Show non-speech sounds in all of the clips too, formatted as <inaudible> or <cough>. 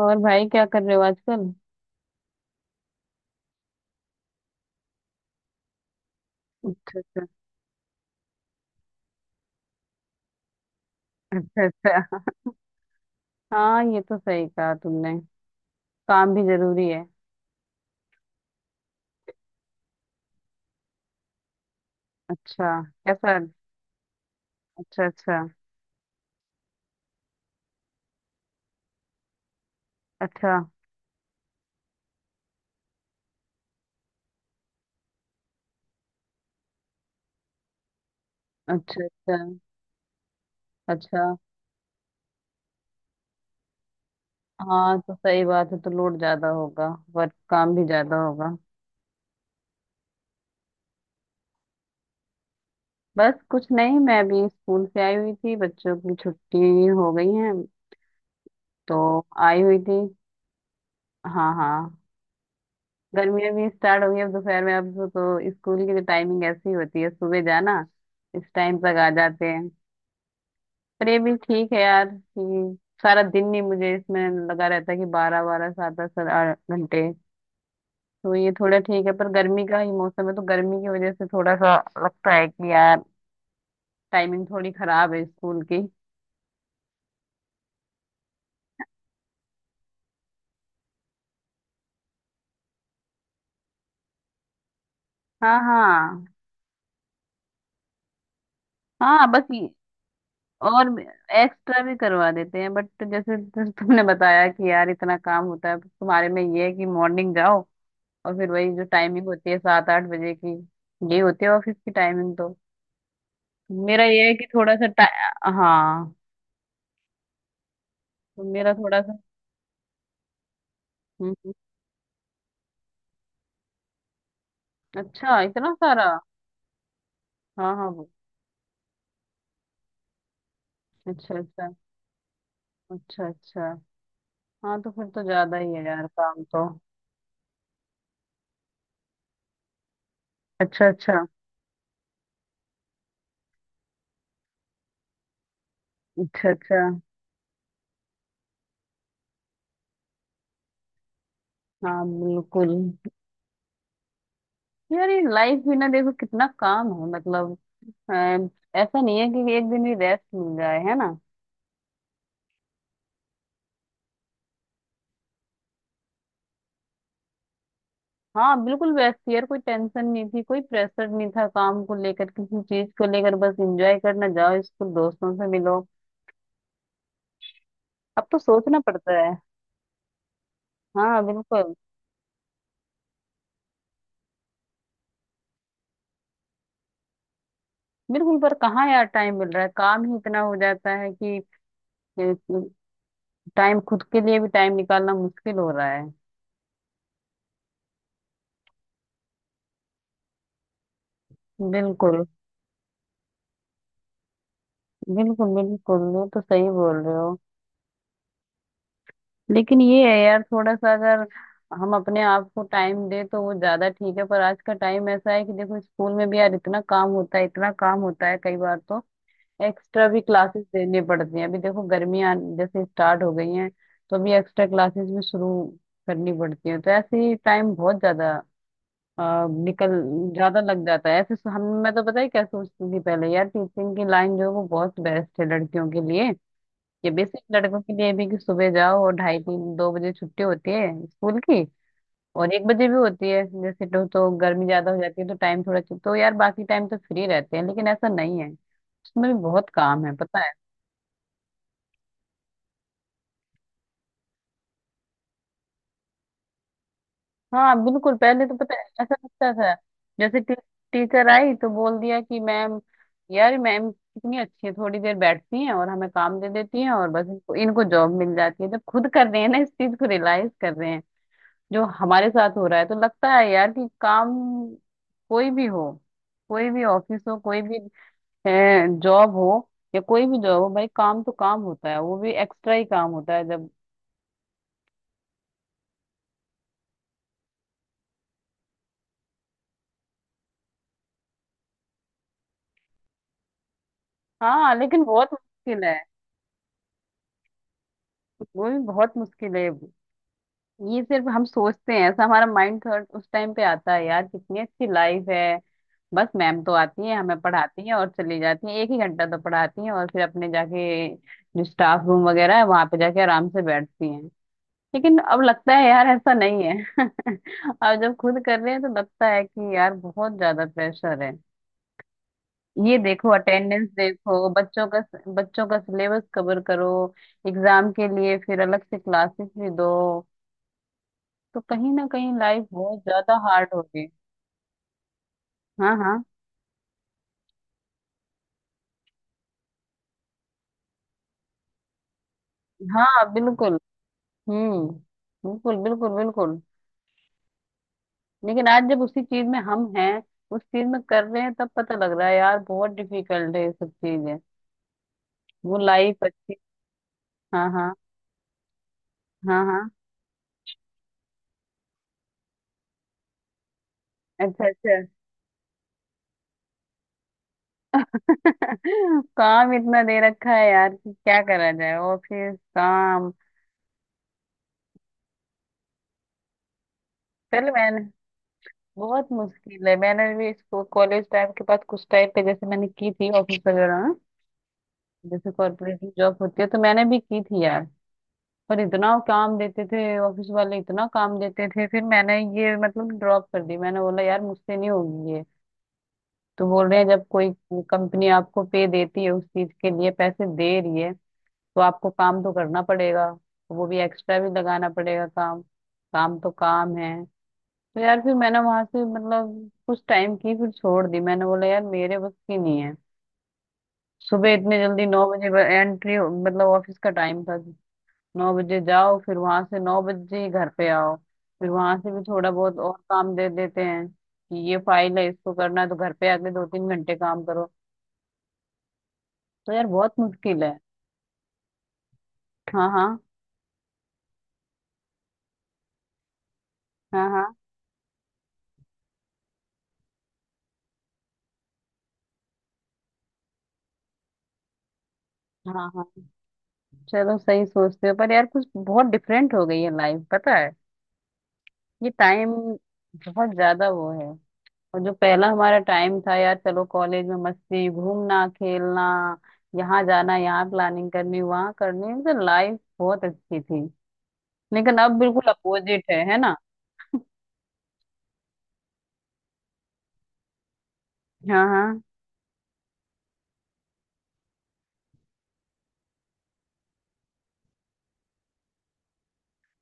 और भाई, क्या कर रहे हो आजकल। अच्छा, अच्छा। अच्छा, अच्छा। हाँ, ये तो सही कहा तुमने। काम भी जरूरी है। अच्छा, कैसा? अच्छा, अच्छा। अच्छा, अच्छा। अच्छा, अच्छा। हाँ, तो सही बात है, तो लोड ज्यादा होगा। वर्क, काम भी ज्यादा होगा। बस कुछ नहीं, मैं अभी स्कूल से आई हुई थी, बच्चों की छुट्टी हो गई है। तो आई हुई थी। हाँ, हाँ। गर्मियाँ भी स्टार्ट हो गई, अब दोपहर में, अब तो स्कूल की जो टाइमिंग ऐसी होती है, सुबह जाना, इस टाइम तक आ जाते हैं। पर ये भी ठीक है यार, कि सारा दिन नहीं मुझे इसमें लगा रहता है, कि बारह बारह सात दस घंटे। तो ये थोड़ा ठीक है, पर गर्मी का ही मौसम है, तो गर्मी की वजह से थोड़ा सा लगता है कि यार टाइमिंग थोड़ी खराब है स्कूल की। हाँ, हाँ। हाँ, बस ये। और एक्स्ट्रा भी करवा देते हैं, बट जैसे <laughs> तुमने बताया कि यार इतना काम होता है तुम्हारे में, ये है कि मॉर्निंग जाओ, और फिर वही जो टाइमिंग होती है 7-8 बजे की, ये होती है ऑफिस की टाइमिंग। तो मेरा ये है कि थोड़ा सा हाँ, तो मेरा थोड़ा सा। हम्म, हम्म। अच्छा, इतना सारा। हाँ, हाँ, वो। अच्छा, अच्छा। अच्छा, अच्छा। हाँ, तो फिर तो ज्यादा ही है यार काम तो। अच्छा, अच्छा। अच्छा, अच्छा। हाँ, बिल्कुल। यार ये लाइफ भी ना, देखो कितना काम है, मतलब, अ, ऐसा नहीं है कि एक दिन भी रेस्ट मिल जाए, है ना। हाँ, बिल्कुल व्यस्त थी यार, कोई टेंशन नहीं थी, कोई प्रेशर नहीं था, काम को लेकर, किसी चीज को लेकर, बस एंजॉय करना, जाओ स्कूल, दोस्तों से मिलो। अब तो सोचना पड़ता है। हाँ, बिल्कुल। बिल्कुल, पर कहाँ यार टाइम मिल रहा है, काम ही इतना हो जाता है, कि टाइम, खुद के लिए भी टाइम निकालना मुश्किल हो रहा है। बिल्कुल, बिल्कुल, बिल्कुल, ये तो सही बोल रहे हो। लेकिन ये है यार, थोड़ा सा अगर हम अपने आप को टाइम दे तो वो ज्यादा ठीक है, पर आज का टाइम ऐसा है कि देखो स्कूल में भी यार इतना काम होता है, इतना काम होता है, कई बार तो एक्स्ट्रा भी क्लासेस देनी पड़ती हैं। अभी देखो, गर्मियां जैसे स्टार्ट हो गई हैं, तो अभी एक्स्ट्रा क्लासेस भी शुरू करनी पड़ती हैं, तो ऐसे ही टाइम बहुत ज्यादा, निकल, ज्यादा लग जाता है। हम, मैं तो पता है क्या सोचती थी पहले यार, टीचिंग की लाइन जो है वो बहुत बेस्ट है लड़कियों के लिए, ये बेसिक लड़कों के लिए भी, कि सुबह जाओ, और ढाई तीन दो बजे छुट्टी होती है स्कूल की, और 1 बजे भी होती है जैसे। तो गर्मी ज्यादा हो जाती है, तो टाइम थोड़ा, तो यार बाकी टाइम तो फ्री रहते हैं, लेकिन ऐसा नहीं है, उसमें भी बहुत काम है, पता है। हाँ, बिल्कुल, पहले तो पता है ऐसा लगता था, जैसे टीचर आई तो बोल दिया कि मैम, यार मैम कितनी अच्छी है, थोड़ी देर बैठती हैं और हमें काम दे देती हैं, और बस इनको जॉब मिल जाती है। जब खुद कर रहे हैं ना, इस चीज को रियलाइज कर रहे हैं, जो हमारे साथ हो रहा है, तो लगता है यार कि काम कोई भी हो, कोई भी ऑफिस हो, कोई भी जॉब हो, भाई काम तो काम होता है, वो भी एक्स्ट्रा ही काम होता है जब। हाँ, लेकिन बहुत मुश्किल है। वो भी बहुत मुश्किल है, ये सिर्फ हम सोचते हैं, ऐसा हमारा माइंड थॉट उस टाइम पे आता है, यार कितनी अच्छी लाइफ है, बस मैम तो आती है, हमें पढ़ाती हैं और चली जाती हैं, एक ही घंटा तो पढ़ाती हैं, और फिर अपने जाके जो स्टाफ रूम वगैरह है वहां पे जाके आराम से बैठती हैं। लेकिन अब लगता है यार, ऐसा नहीं है। <laughs> अब जब खुद कर रहे हैं तो लगता है कि यार बहुत ज्यादा प्रेशर है। ये देखो अटेंडेंस देखो बच्चों का, बच्चों का सिलेबस कवर करो, एग्जाम के लिए फिर अलग से क्लासेस भी दो, तो कहीं ना कहीं लाइफ बहुत ज्यादा हार्ड हो गई। हाँ, हाँ। हाँ, बिल्कुल। हम्म। बिल्कुल, बिल्कुल, बिल्कुल। लेकिन आज जब उसी चीज में हम हैं, उस चीज में कर रहे हैं, तब पता लग रहा है यार बहुत डिफिकल्ट है ये सब चीजें। वो लाइफ अच्छी। हाँ, हाँ। हाँ, हाँ। अच्छा, अच्छा। <laughs> काम इतना दे रखा है यार कि क्या करा जाए, ऑफिस काम। पहले मैंने, बहुत मुश्किल है, मैंने भी इसको कॉलेज टाइम के बाद कुछ टाइम पे जैसे मैंने की थी ऑफिस वगैरह में, जैसे कॉर्पोरेट में जॉब होती है, तो मैंने भी की थी यार। पर इतना काम देते थे ऑफिस वाले, इतना काम देते थे, फिर मैंने ये मतलब ड्रॉप कर दी, मैंने बोला यार मुझसे नहीं होगी ये। तो बोल रहे हैं, जब कोई कंपनी आपको पे देती है, उस चीज के लिए पैसे दे रही है, तो आपको काम तो करना पड़ेगा, वो भी एक्स्ट्रा भी लगाना पड़ेगा काम, काम तो काम है। तो यार फिर मैंने वहां से मतलब कुछ टाइम की फिर छोड़ दी, मैंने बोला यार मेरे बस की नहीं है। सुबह इतने जल्दी 9 बजे एंट्री, मतलब ऑफिस का टाइम था, 9 बजे जाओ, फिर वहां से 9 बजे ही घर पे आओ, फिर वहां से भी थोड़ा बहुत और काम दे देते हैं कि ये फाइल है, इसको करना है, तो घर पे आके 2-3 घंटे काम करो। तो यार बहुत मुश्किल है। हाँ, हाँ। हाँ, हाँ। हाँ, हाँ। चलो, सही सोचते हो, पर यार कुछ बहुत डिफरेंट हो गई है लाइफ, पता है। ये टाइम बहुत ज्यादा वो है, और जो पहला हमारा टाइम था यार, चलो कॉलेज में मस्ती, घूमना, खेलना, यहाँ जाना, यहाँ प्लानिंग करनी, वहाँ करनी, मतलब लाइफ बहुत अच्छी थी, लेकिन अब बिल्कुल अपोजिट है ना। हाँ, हाँ।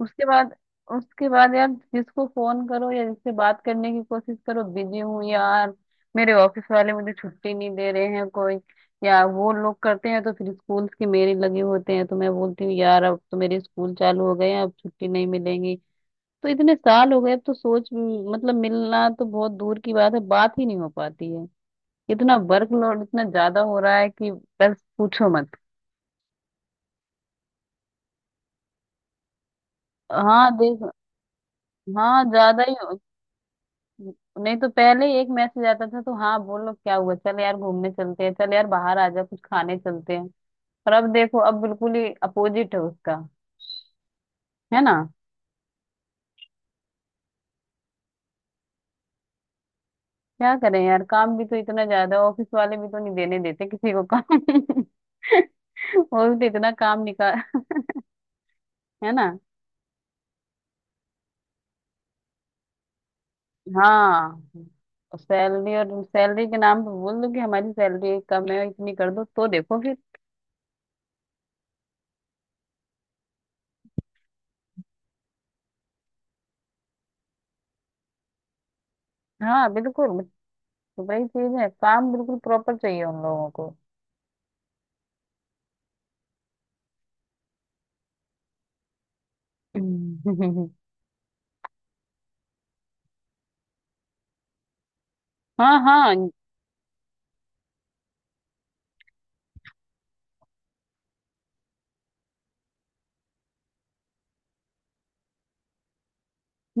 उसके बाद, उसके बाद यार जिसको फोन करो या जिससे बात करने की कोशिश करो, बिजी हूँ यार, मेरे ऑफिस वाले मुझे छुट्टी नहीं दे रहे हैं कोई, या वो लोग करते हैं तो फिर स्कूल के मेरे लगे होते हैं, तो मैं बोलती हूँ यार अब तो मेरे स्कूल चालू हो गए हैं, अब छुट्टी नहीं मिलेंगी, तो इतने साल हो गए, अब तो सोच, मतलब मिलना तो बहुत दूर की बात है, बात ही नहीं हो पाती है। इतना वर्कलोड इतना ज्यादा हो रहा है कि बस पूछो मत। हाँ, देख। हाँ ज्यादा ही हो- नहीं तो पहले एक मैसेज आता था तो हाँ बोलो क्या हुआ, चल यार घूमने चलते हैं, चल यार बाहर आ जा कुछ खाने चलते हैं, पर अब देखो, अब बिल्कुल ही अपोजिट है उसका, है ना। क्या करें यार, काम भी तो इतना ज्यादा, ऑफिस वाले भी तो नहीं देने देते किसी को काम। <laughs> वो भी तो इतना काम निकाल, है ना। हाँ, सैलरी, और सैलरी के नाम पे बोल दो कि हमारी सैलरी कम है, इतनी कर दो, तो देखो फिर। हाँ, बिल्कुल, तो वही चीज है, काम बिल्कुल प्रॉपर चाहिए उन लोगों को। हम्म। <laughs> हाँ, हाँ।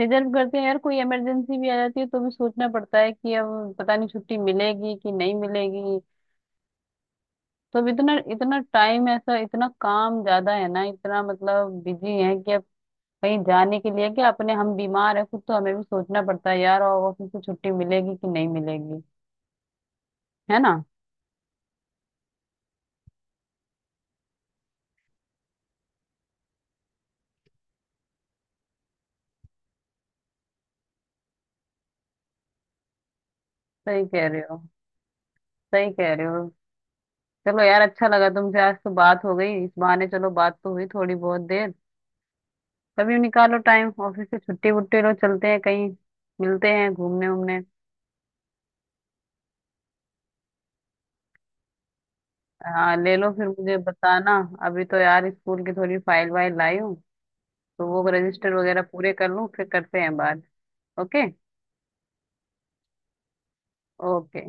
रिजर्व करते हैं यार, कोई इमरजेंसी भी आ जाती है तो भी सोचना पड़ता है कि अब पता नहीं छुट्टी मिलेगी कि नहीं मिलेगी। तो अब इतना इतना टाइम ऐसा, इतना काम ज्यादा है ना, इतना मतलब बिजी है कि अब कहीं जाने के लिए, कि अपने हम बीमार है खुद, तो हमें भी सोचना पड़ता है यार और ऑफिस से छुट्टी मिलेगी कि नहीं मिलेगी, है ना। सही कह रहे हो। सही कह रहे हो। चलो यार, अच्छा लगा तुमसे आज तो बात हो गई, इस बहाने चलो बात तो हुई थोड़ी बहुत देर। कभी निकालो टाइम, ऑफिस से छुट्टी वुट्टी लो, चलते हैं कहीं, मिलते हैं, घूमने उमने। हाँ, ले लो, फिर मुझे बताना। अभी तो यार स्कूल की थोड़ी फाइल वाइल लाई हूँ, तो वो रजिस्टर वगैरह पूरे कर लूँ, फिर करते हैं बात। ओके। ओके।